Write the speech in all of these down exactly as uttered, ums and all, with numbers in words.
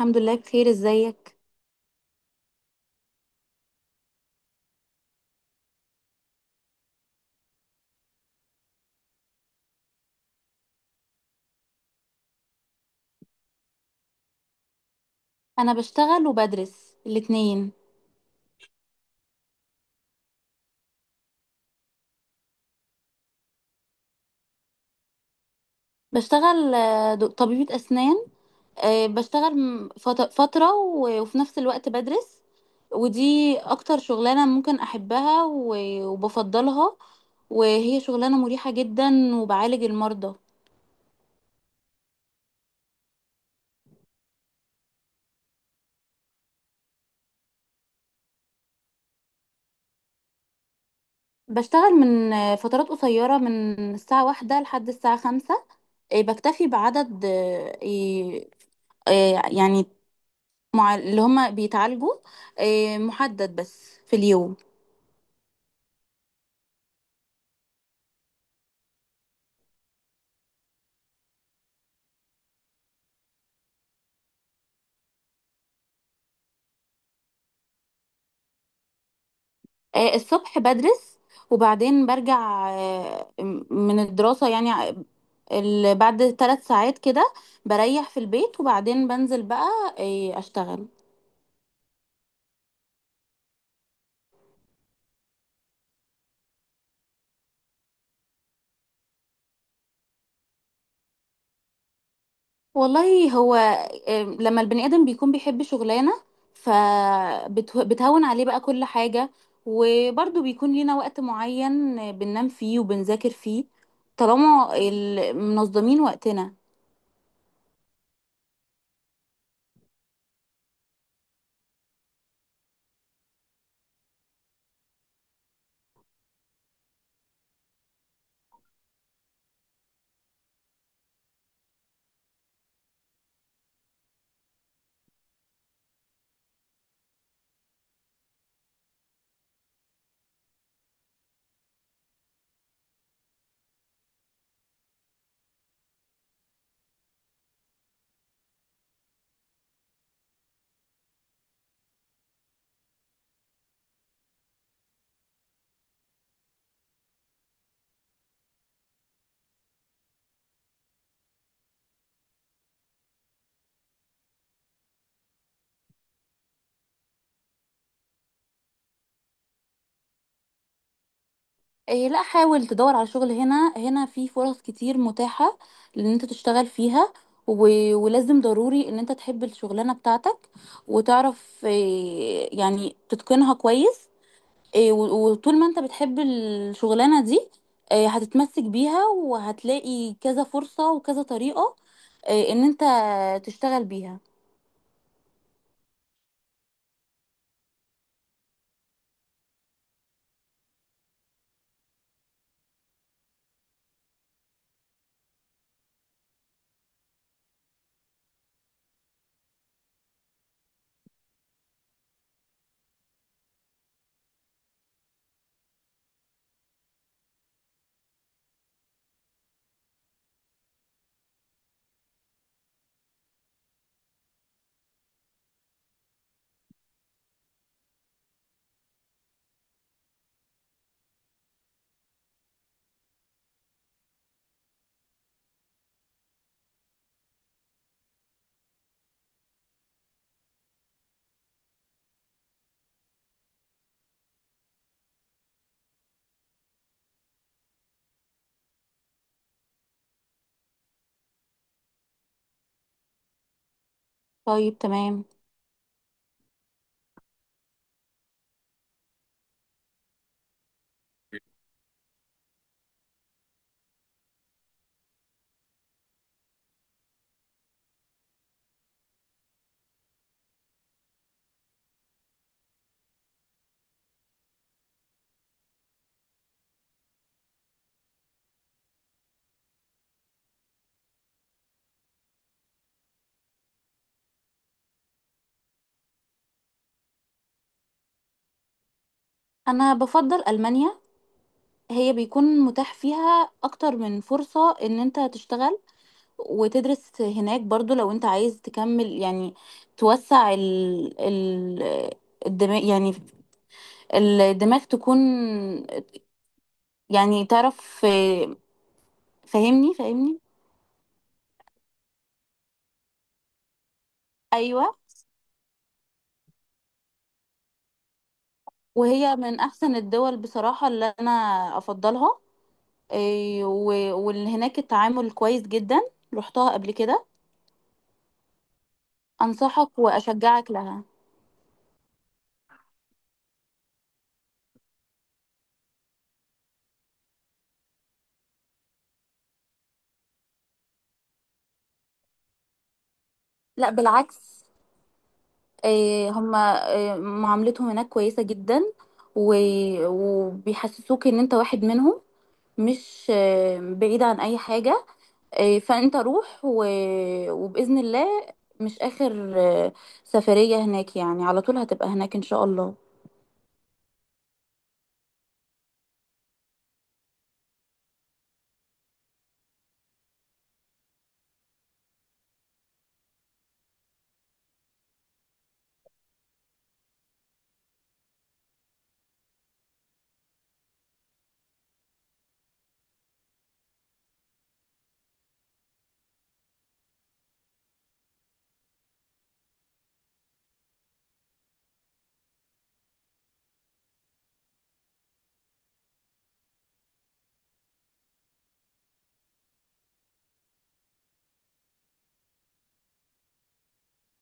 الحمد لله بخير، ازيك. انا بشتغل وبدرس الاتنين. بشتغل آه، دو- طبيبة اسنان. آه، بشتغل م- فت- فترة و- وفي نفس الوقت بدرس. ودي اكتر شغلانة ممكن احبها و- وبفضلها، وهي شغلانة مريحة جدا وبعالج المرضى. بشتغل من آه، فترات قصيرة، من الساعة واحدة لحد الساعة خمسة. آه، بكتفي بعدد آه، آه، آه، يعني مع اللي هما بيتعالجوا، آه، محدد بس في اليوم. آه، الصبح بدرس، وبعدين برجع آه، من الدراسة، يعني آه، ال- بعد ثلاث ساعات كده بريح في البيت، وبعدين بنزل بقى آه، أشتغل. والله هو آه، لما البني آدم بيكون بيحب شغلانة فبتهون عليه بقى كل حاجة، وبرضه بيكون لينا وقت معين آه، بننام فيه وبنذاكر فيه، طالما ال- منظمين وقتنا. إيه لا، حاول تدور على شغل هنا، هنا في فرص كتير متاحة لان انت تشتغل فيها و... ولازم ضروري ان انت تحب الشغلانة بتاعتك وتعرف إيه يعني تتقنها كويس. إيه و... وطول ما انت بتحب الشغلانة دي، إيه هتتمسك بيها وهتلاقي كذا فرصة وكذا طريقة. إيه ان انت تشتغل بيها. طيب تمام. انا بفضل ألمانيا، هي بيكون متاح فيها اكتر من فرصة ان انت تشتغل وتدرس هناك برضو، لو انت عايز تكمل يعني توسع ال ال الدماغ، يعني الدماغ تكون يعني تعرف فاهمني، فاهمني. ايوه. وهي من احسن الدول بصراحة اللي انا افضلها. اي، و- واللي هناك التعامل كويس جدا، رحتها قبل كده. انصحك واشجعك لها. لا بالعكس، آه، هما آه، معاملتهم هناك كويسة جدا و- وبيحسسوك ان انت واحد منهم، مش آه، بعيد عن اي حاجة. آه، فانت روح و- وبإذن الله مش آخر آه، سفرية هناك، يعني على طول هتبقى هناك ان شاء الله.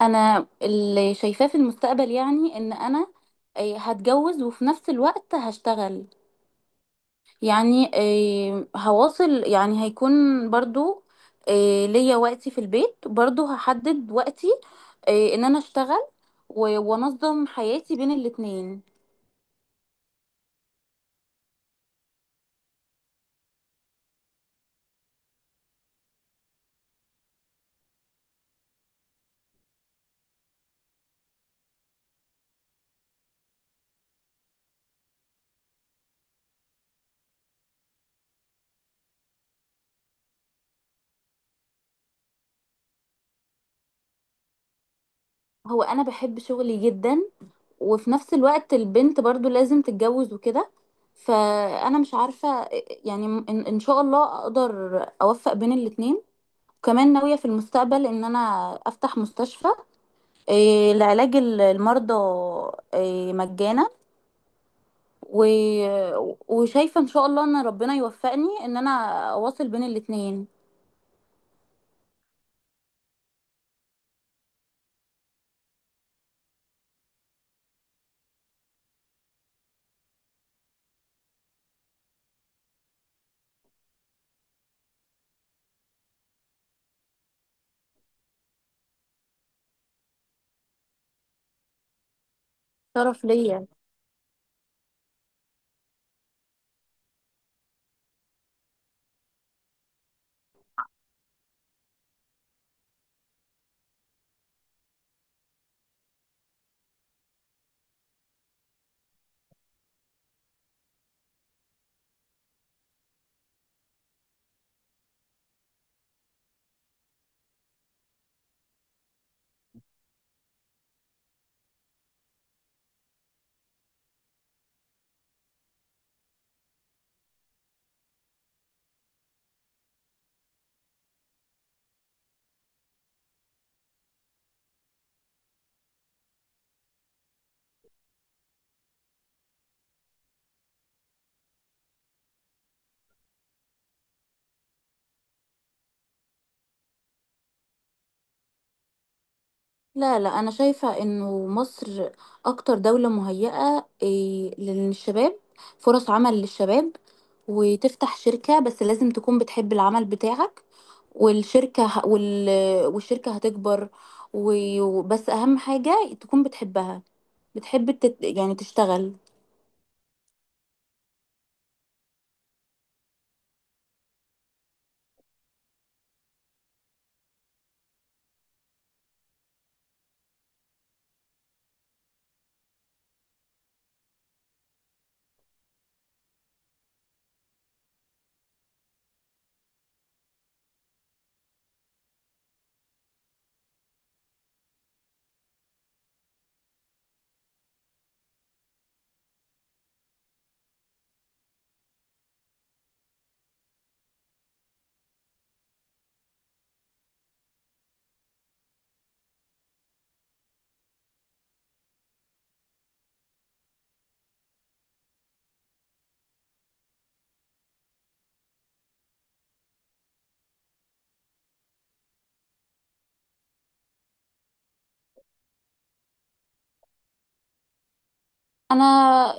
انا اللي شايفاه في المستقبل يعني ان انا آه، هتجوز وفي نفس الوقت هشتغل، يعني آه، هواصل، يعني هيكون برضو آه، ليا وقتي في البيت، برضو هحدد وقتي آه، ان انا اشتغل و- وانظم حياتي بين الاتنين. هو انا بحب شغلي جدا، وفي نفس الوقت البنت برضو لازم تتجوز وكده. فانا مش عارفة آه، يعني ان إن شاء الله اقدر اوفق بين الاتنين. وكمان ناوية في المستقبل ان انا افتح مستشفى آه، لعلاج المرضى آه، مجانا، و... وشايفة ان شاء الله ان ربنا يوفقني ان انا اواصل بين الاتنين. شرف ليا. لا لا، انا شايفة انه مصر اكتر دولة مهيئة، إيه، للشباب، فرص عمل للشباب وتفتح شركة، بس لازم تكون بتحب العمل بتاعك والشركة ه- وال... والشركة هتكبر، و... بس اهم حاجة تكون بتحبها، بتحب التت... يعني تشتغل. انا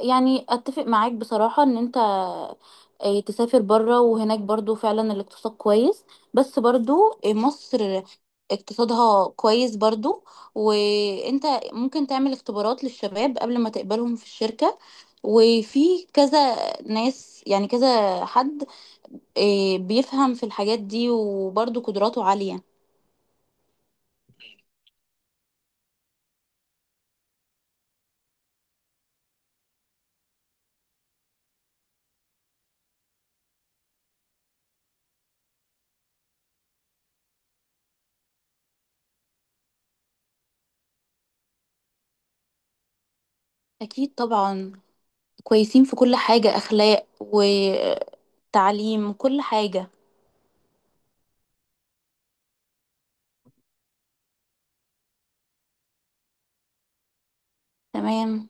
يعني اتفق معاك بصراحة ان انت آه، تسافر بره وهناك برضو فعلا الاقتصاد كويس، بس برضو آه، مصر اقتصادها كويس برضو. وانت ممكن تعمل اختبارات للشباب قبل ما تقبلهم في الشركة، وفي كذا ناس، يعني كذا حد آه، بيفهم في الحاجات دي وبرضو قدراته عالية. اكيد طبعا، كويسين في كل حاجة، اخلاق وتعليم كل حاجة. تمام.